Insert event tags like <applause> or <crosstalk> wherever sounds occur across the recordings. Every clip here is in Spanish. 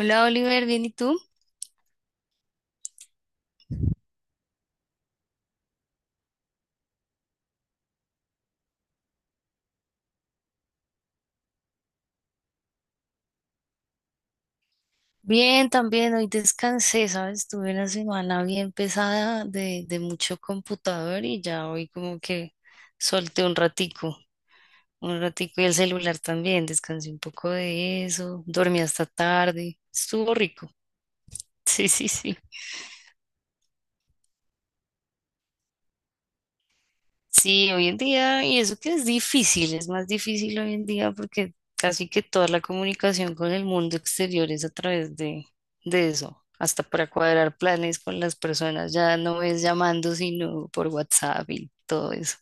Hola Oliver, ¿bien y tú? Bien, también hoy descansé, ¿sabes? Tuve una semana bien pesada de mucho computador, y ya hoy como que solté un ratico y el celular también. Descansé un poco de eso, dormí hasta tarde, estuvo rico. <laughs> Sí, sí, sí. Sí, hoy en día, y eso que es difícil, es más difícil hoy en día porque casi que toda la comunicación con el mundo exterior es a través de eso. Hasta para cuadrar planes con las personas, ya no es llamando, sino por WhatsApp y todo eso.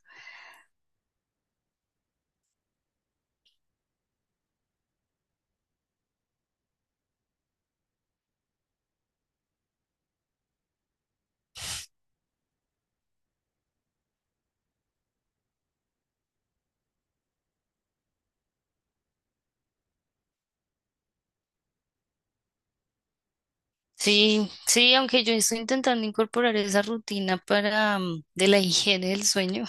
Sí, sí, aunque yo estoy intentando incorporar esa rutina para de la higiene del sueño,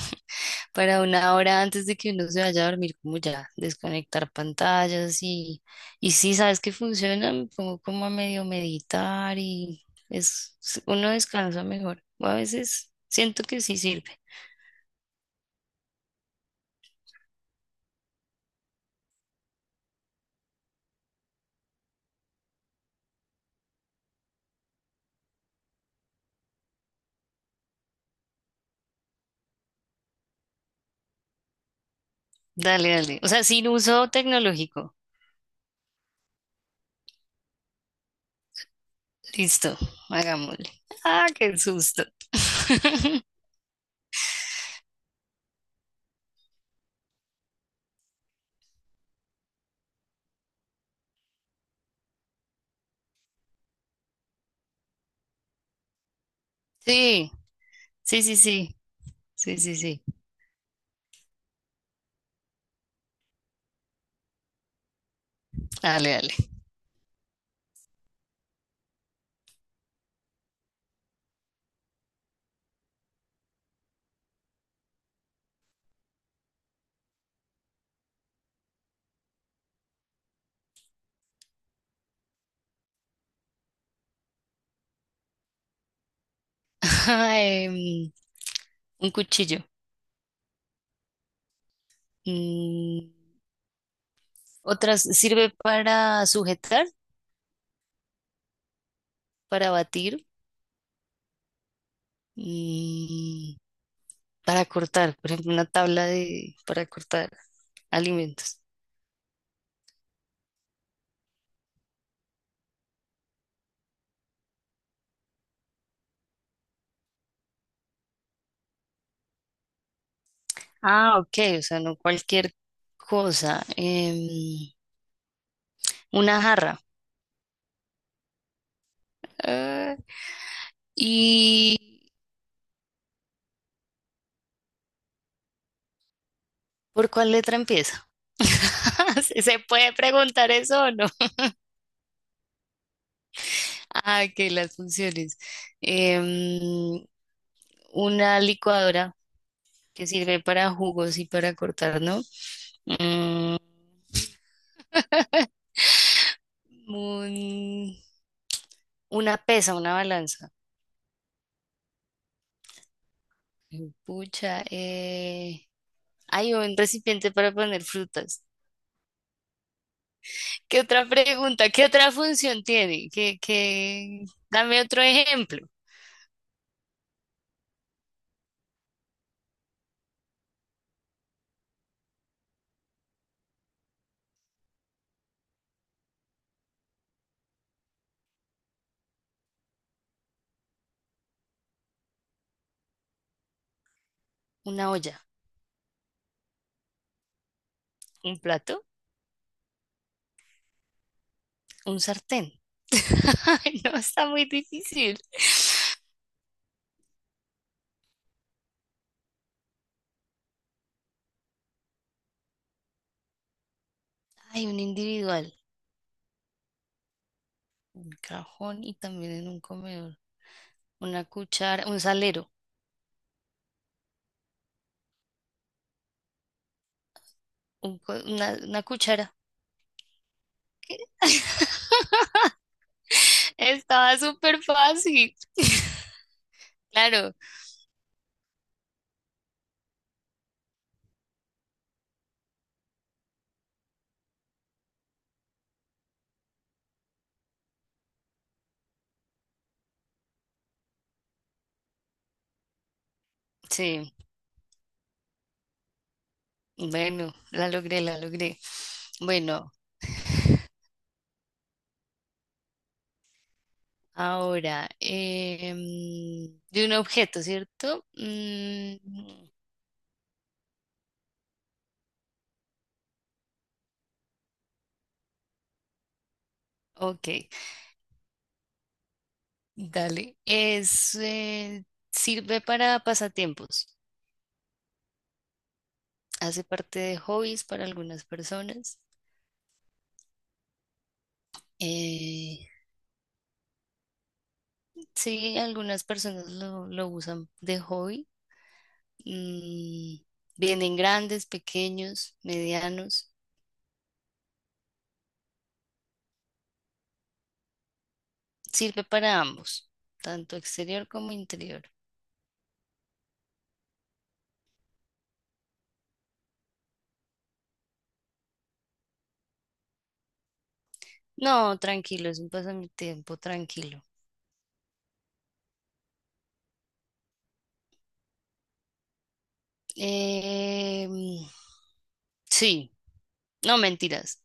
para una hora antes de que uno se vaya a dormir, como ya, desconectar pantallas, y sí, sabes que funciona. Me pongo como a medio meditar y es, uno descansa mejor. O a veces siento que sí sirve. Dale, dale. O sea, sin uso tecnológico. Listo, hagámosle. Ah, qué susto. <laughs> Sí, sí, sí, sí, sí, sí, sí. Dale, dale. <laughs> Em, un cuchillo. Mm, otras sirve para sujetar, para batir y para cortar, por ejemplo, una tabla para cortar alimentos. Ah, ok, o sea, no cualquier cosa. Una jarra. Ah, ¿y por cuál letra empieza? <laughs> ¿Se puede preguntar eso o no? Ah, que las funciones. Em, una licuadora que sirve para jugos y para cortar, ¿no? Mm, <laughs> un- una pesa, una balanza. Pucha, hay un recipiente para poner frutas. ¿Qué otra pregunta? ¿Qué otra función tiene? ¿Qué, qué? Dame otro ejemplo. Una olla, un plato, un sartén. <laughs> Ay, no, está muy difícil. Hay un individual, un cajón y también en un comedor. Una cuchara, un salero, una cuchara. <laughs> Estaba súper fácil. <laughs> Claro, sí. Bueno, la logré, la logré. Bueno, ahora, de un objeto, ¿cierto? Mm, ok, dale. Es, sirve para pasatiempos. Hace parte de hobbies para algunas personas. Eh, sí, algunas personas lo usan de hobby. Mm, vienen grandes, pequeños, medianos. Sirve para ambos, tanto exterior como interior. No, tranquilo, es un pasatiempo tranquilo. Eh, sí, no mentiras.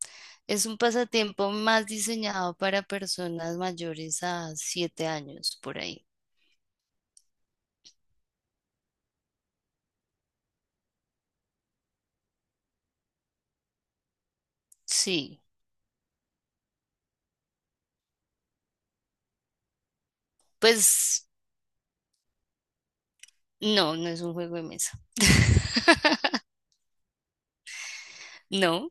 Es un pasatiempo más diseñado para personas mayores a siete años, por ahí. Sí, pues no, no es un juego de mesa. <laughs> No,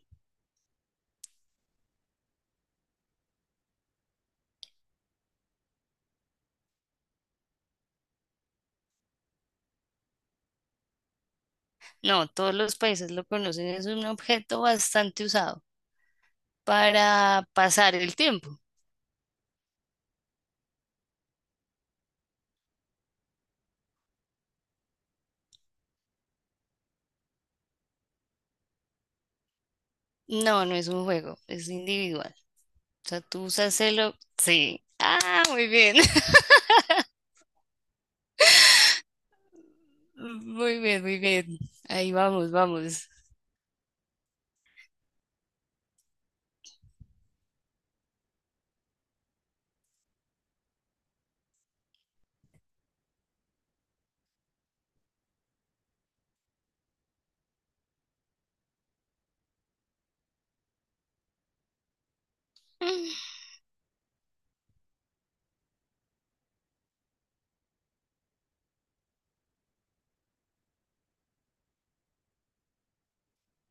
no, todos los países lo conocen, es un objeto bastante usado para pasar el tiempo. No, no es un juego, es individual. O sea, tú usas sí. Ah, muy bien. <laughs> Muy bien, muy bien. Ahí vamos, vamos.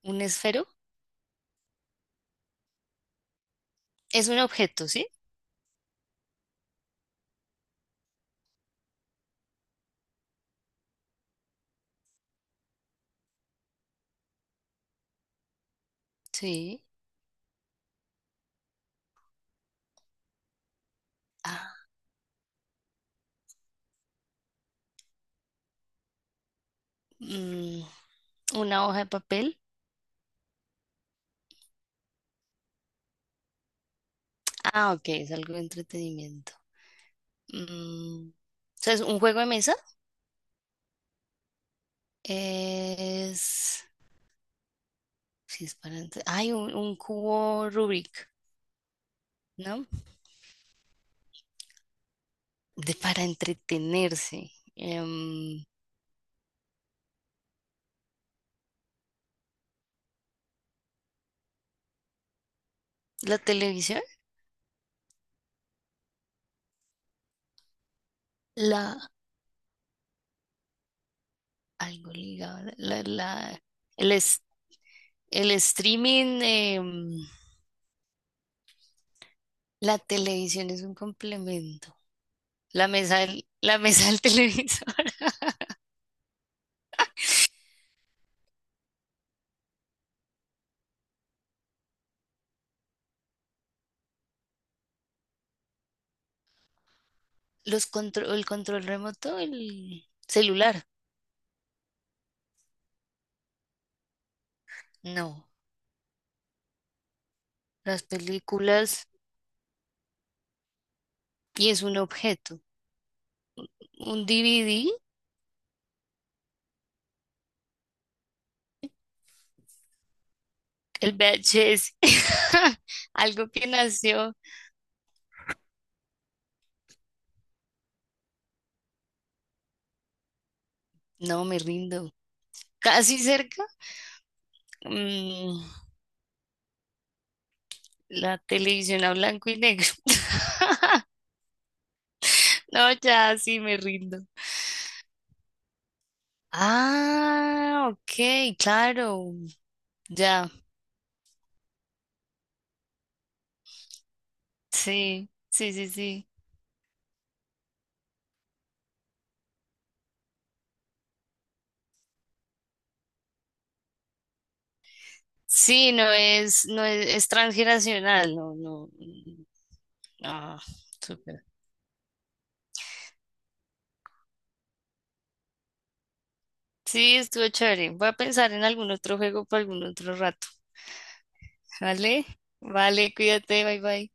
¿Un esfero? Es un objeto, ¿sí? Sí. Ah, mm, ¿una hoja de papel? Ah, ok, es algo de entretenimiento. Mm, o sea, es, ¿un juego de mesa? Es... Sí, es para... ay, un cubo Rubik, ¿no? De para entretenerse. ¿La televisión? La... Algo ligado. El, es- el streaming... la televisión es un complemento. La mesa la mesa del <laughs> televisor. El control remoto, el celular. No, las películas, y es un objeto. Un DVD, el VHS. <laughs> Algo que nació. No, me rindo. Casi cerca. mm, la televisión a blanco y negro. <laughs> No, ya sí me rindo. Ah, ok, claro. Ya. Sí, sí, sí, sí. Sí, no es, no es, es transgeneracional, no, no, no, súper. Sí, estuvo chévere. Voy a pensar en algún otro juego para algún otro rato. <laughs> ¿Vale? Vale, cuídate, bye bye.